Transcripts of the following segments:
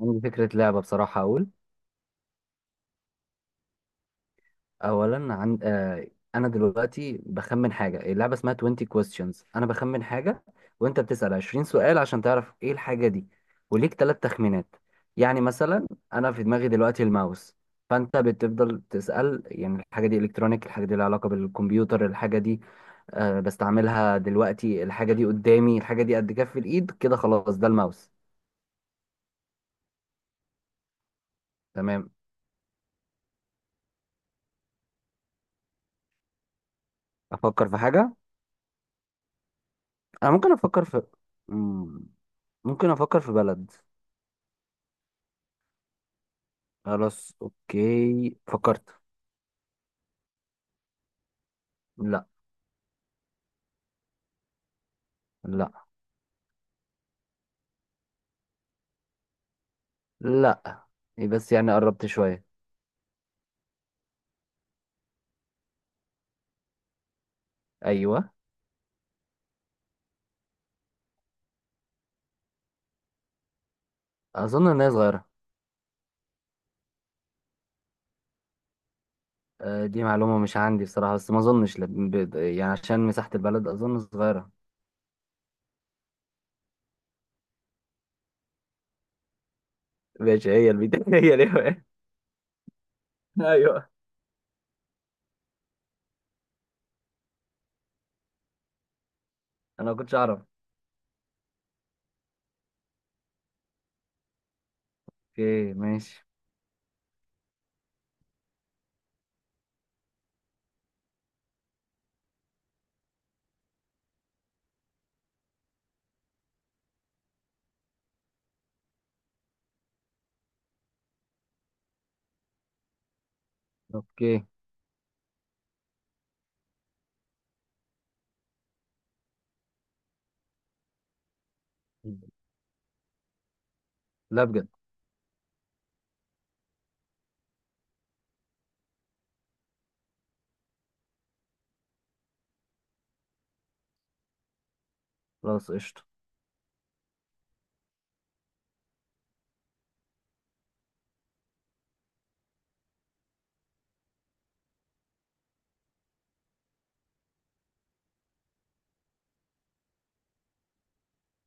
عندي فكرة لعبة بصراحة. أقول أولا عن أنا دلوقتي بخمن حاجة، اللعبة اسمها 20 questions، أنا بخمن حاجة وأنت بتسأل 20 سؤال عشان تعرف إيه الحاجة دي، وليك ثلاث تخمينات. يعني مثلا أنا في دماغي دلوقتي الماوس، فأنت بتفضل تسأل يعني الحاجة دي إلكترونيك، الحاجة دي لها علاقة بالكمبيوتر، الحاجة دي بستعملها دلوقتي، الحاجة دي قدامي، الحاجة دي قد كف الإيد كده، خلاص ده الماوس. تمام. أفكر في حاجة. انا ممكن افكر في مم، ممكن افكر في بلد. خلاص اوكي فكرت. لا، لا، لا. إيه بس يعني قربت شوية. ايوه. اظن ان هي صغيرة. دي معلومة مش عندي بصراحة، بس ما اظنش يعني عشان مساحة البلد اظن صغيرة. ماشي، هي البيت هي ليه بقى؟ ايوه. انا ما كنتش اعرف. اوكي ماشي. اوكي. لا بجد. خلاص قشطة.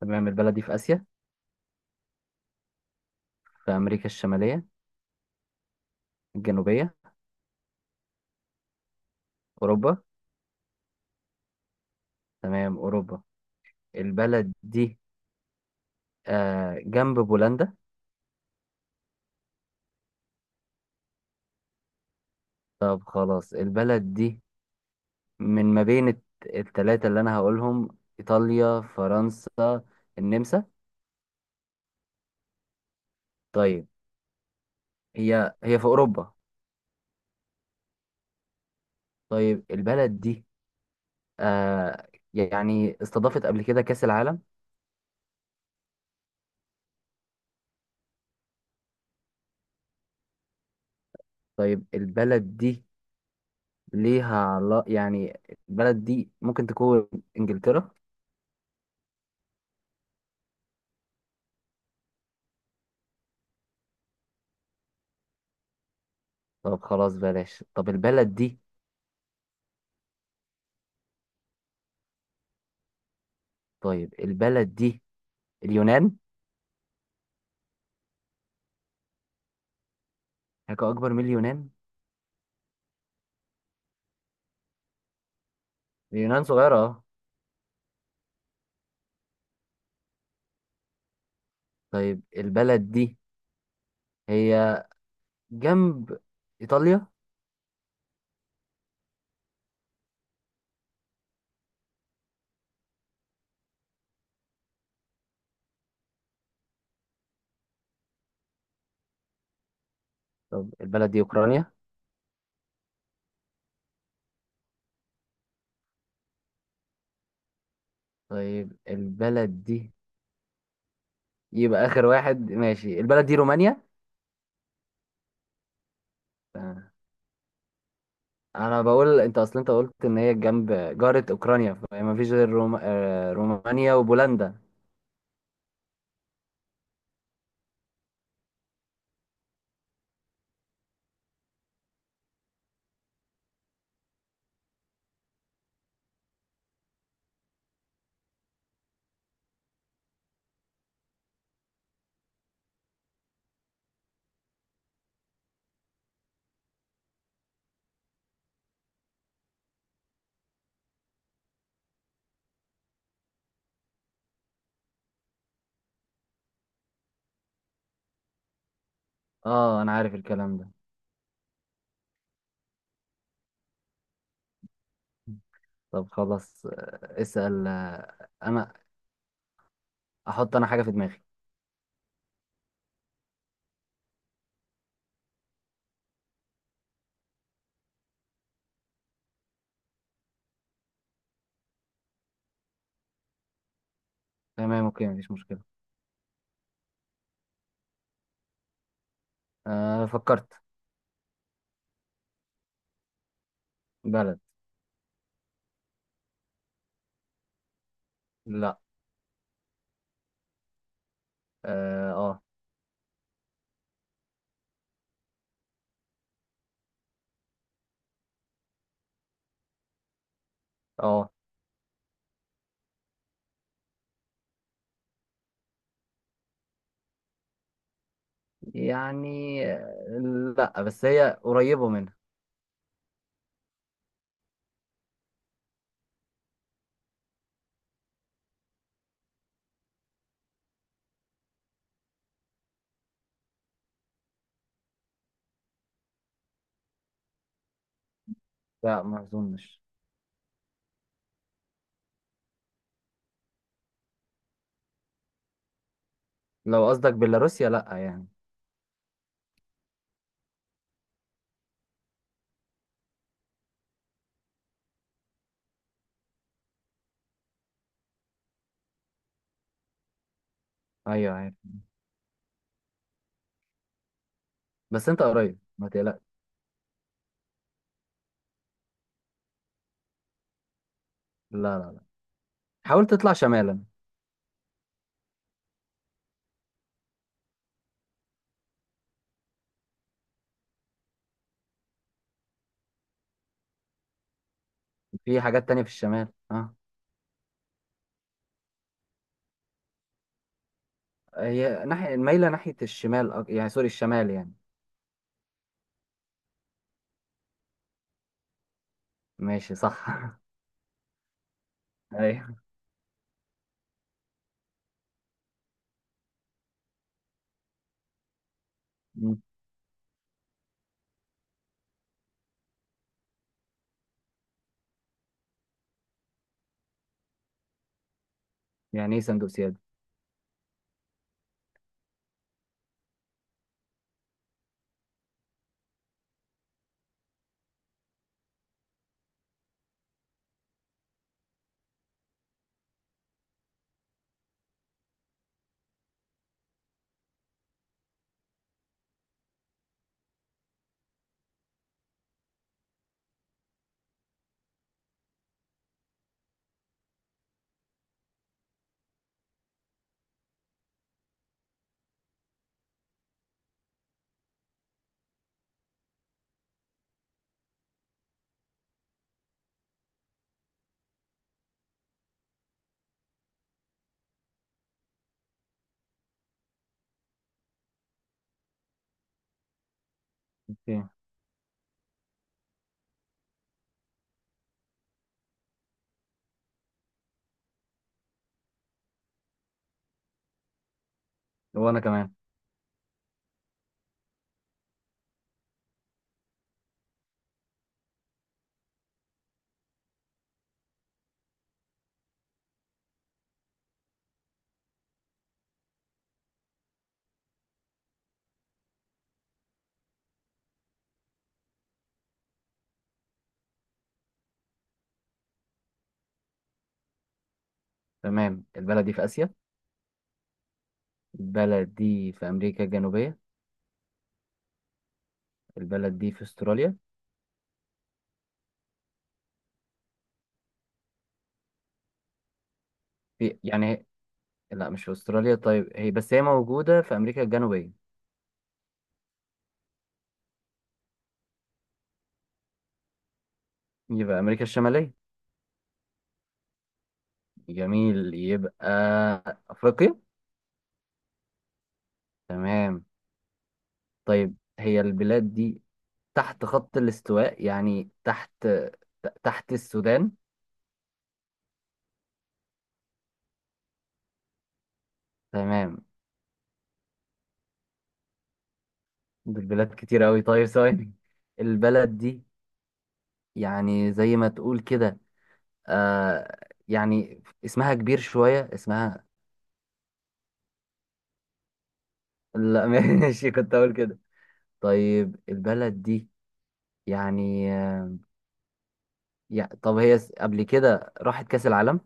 تمام، البلد دي في اسيا؟ في امريكا الشمالية؟ الجنوبية؟ اوروبا؟ تمام اوروبا. البلد دي آه جنب بولندا. طب خلاص، البلد دي من ما التلاتة اللي أنا هقولهم: إيطاليا، فرنسا، النمسا. طيب هي هي في أوروبا. طيب البلد دي آه يعني استضافت قبل كده كأس العالم؟ طيب البلد دي ليها علا يعني، البلد دي ممكن تكون إنجلترا. طب خلاص بلاش. طب البلد دي. طيب البلد دي اليونان؟ حاجة أكبر من اليونان؟ اليونان صغيرة. طيب البلد دي هي جنب إيطاليا؟ طب البلد دي أوكرانيا؟ طيب البلد دي يبقى آخر واحد، ماشي، البلد دي رومانيا. آه. أنا بقول أنت أصلا أنت قلت إن هي جنب، جارة أوكرانيا، فما فيش غير رومانيا وبولندا. أه، أنا عارف الكلام ده. طب خلاص اسأل، أنا أحط أنا حاجة في دماغي. تمام أوكي، مفيش مشكلة. أه فكرت. بلد. لا. أه أه. آه. يعني لا، بس هي قريبة منها. لا ما اظنش. لو قصدك بيلاروسيا لا يعني. ايوه عارف. بس انت قريب ما تقلقش. لا لا لا. حاول تطلع شمالا. في حاجات تانية في الشمال، اه. هي ناحية مايلة ناحية الشمال، يعني سوري، الشمال يعني. ماشي صح. ايوه. مم. يعني ايه صندوق سيادي؟ اوكي. وانا كمان. تمام البلد دي في اسيا؟ البلد دي في امريكا الجنوبية؟ البلد دي في استراليا؟ في يعني، لا مش في استراليا، طيب هي بس هي موجودة في امريكا الجنوبية؟ يبقى أمريكا الشمالية؟ جميل، يبقى أفريقيا. تمام. طيب هي البلاد دي تحت خط الاستواء يعني، تحت، تحت السودان؟ تمام. دي بلاد كتير أوي، طيب ثواني. البلد دي يعني زي ما تقول كده آه، يعني اسمها كبير شوية، اسمها. لا ماشي، كنت أقول كده. طيب البلد دي يعني، يعني طب هي قبل كده راحت كأس العالم؟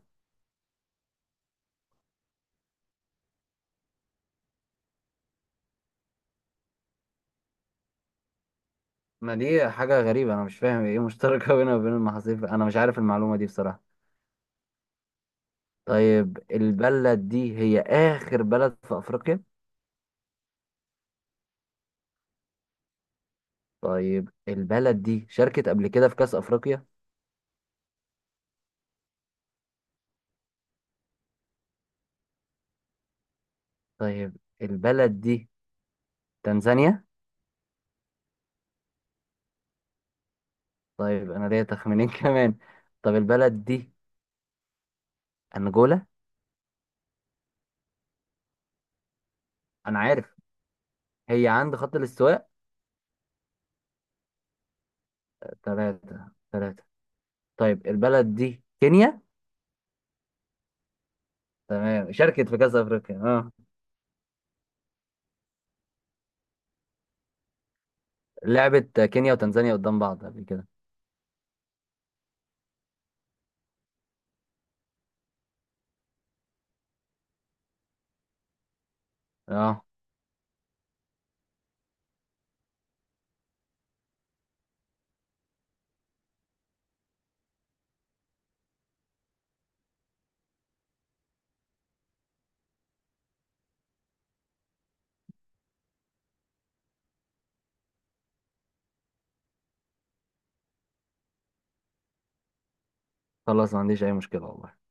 ما دي حاجة غريبة، أنا مش فاهم إيه مشتركة بينها وبين المحاصيل، أنا مش عارف المعلومة دي بصراحة. طيب البلد دي هي آخر بلد في أفريقيا؟ طيب البلد دي شاركت قبل كده في كأس أفريقيا؟ طيب البلد دي تنزانيا؟ طيب أنا ليا تخمينين كمان. طب البلد دي أنجولا؟ أنا عارف. هي عند خط الاستواء. تلاتة، تلاتة. طيب البلد دي كينيا؟ تمام، شاركت في كأس أفريقيا، اه. لعبت كينيا وتنزانيا قدام بعض قبل كده، اه. خلاص ما عنديش اي مشكلة والله.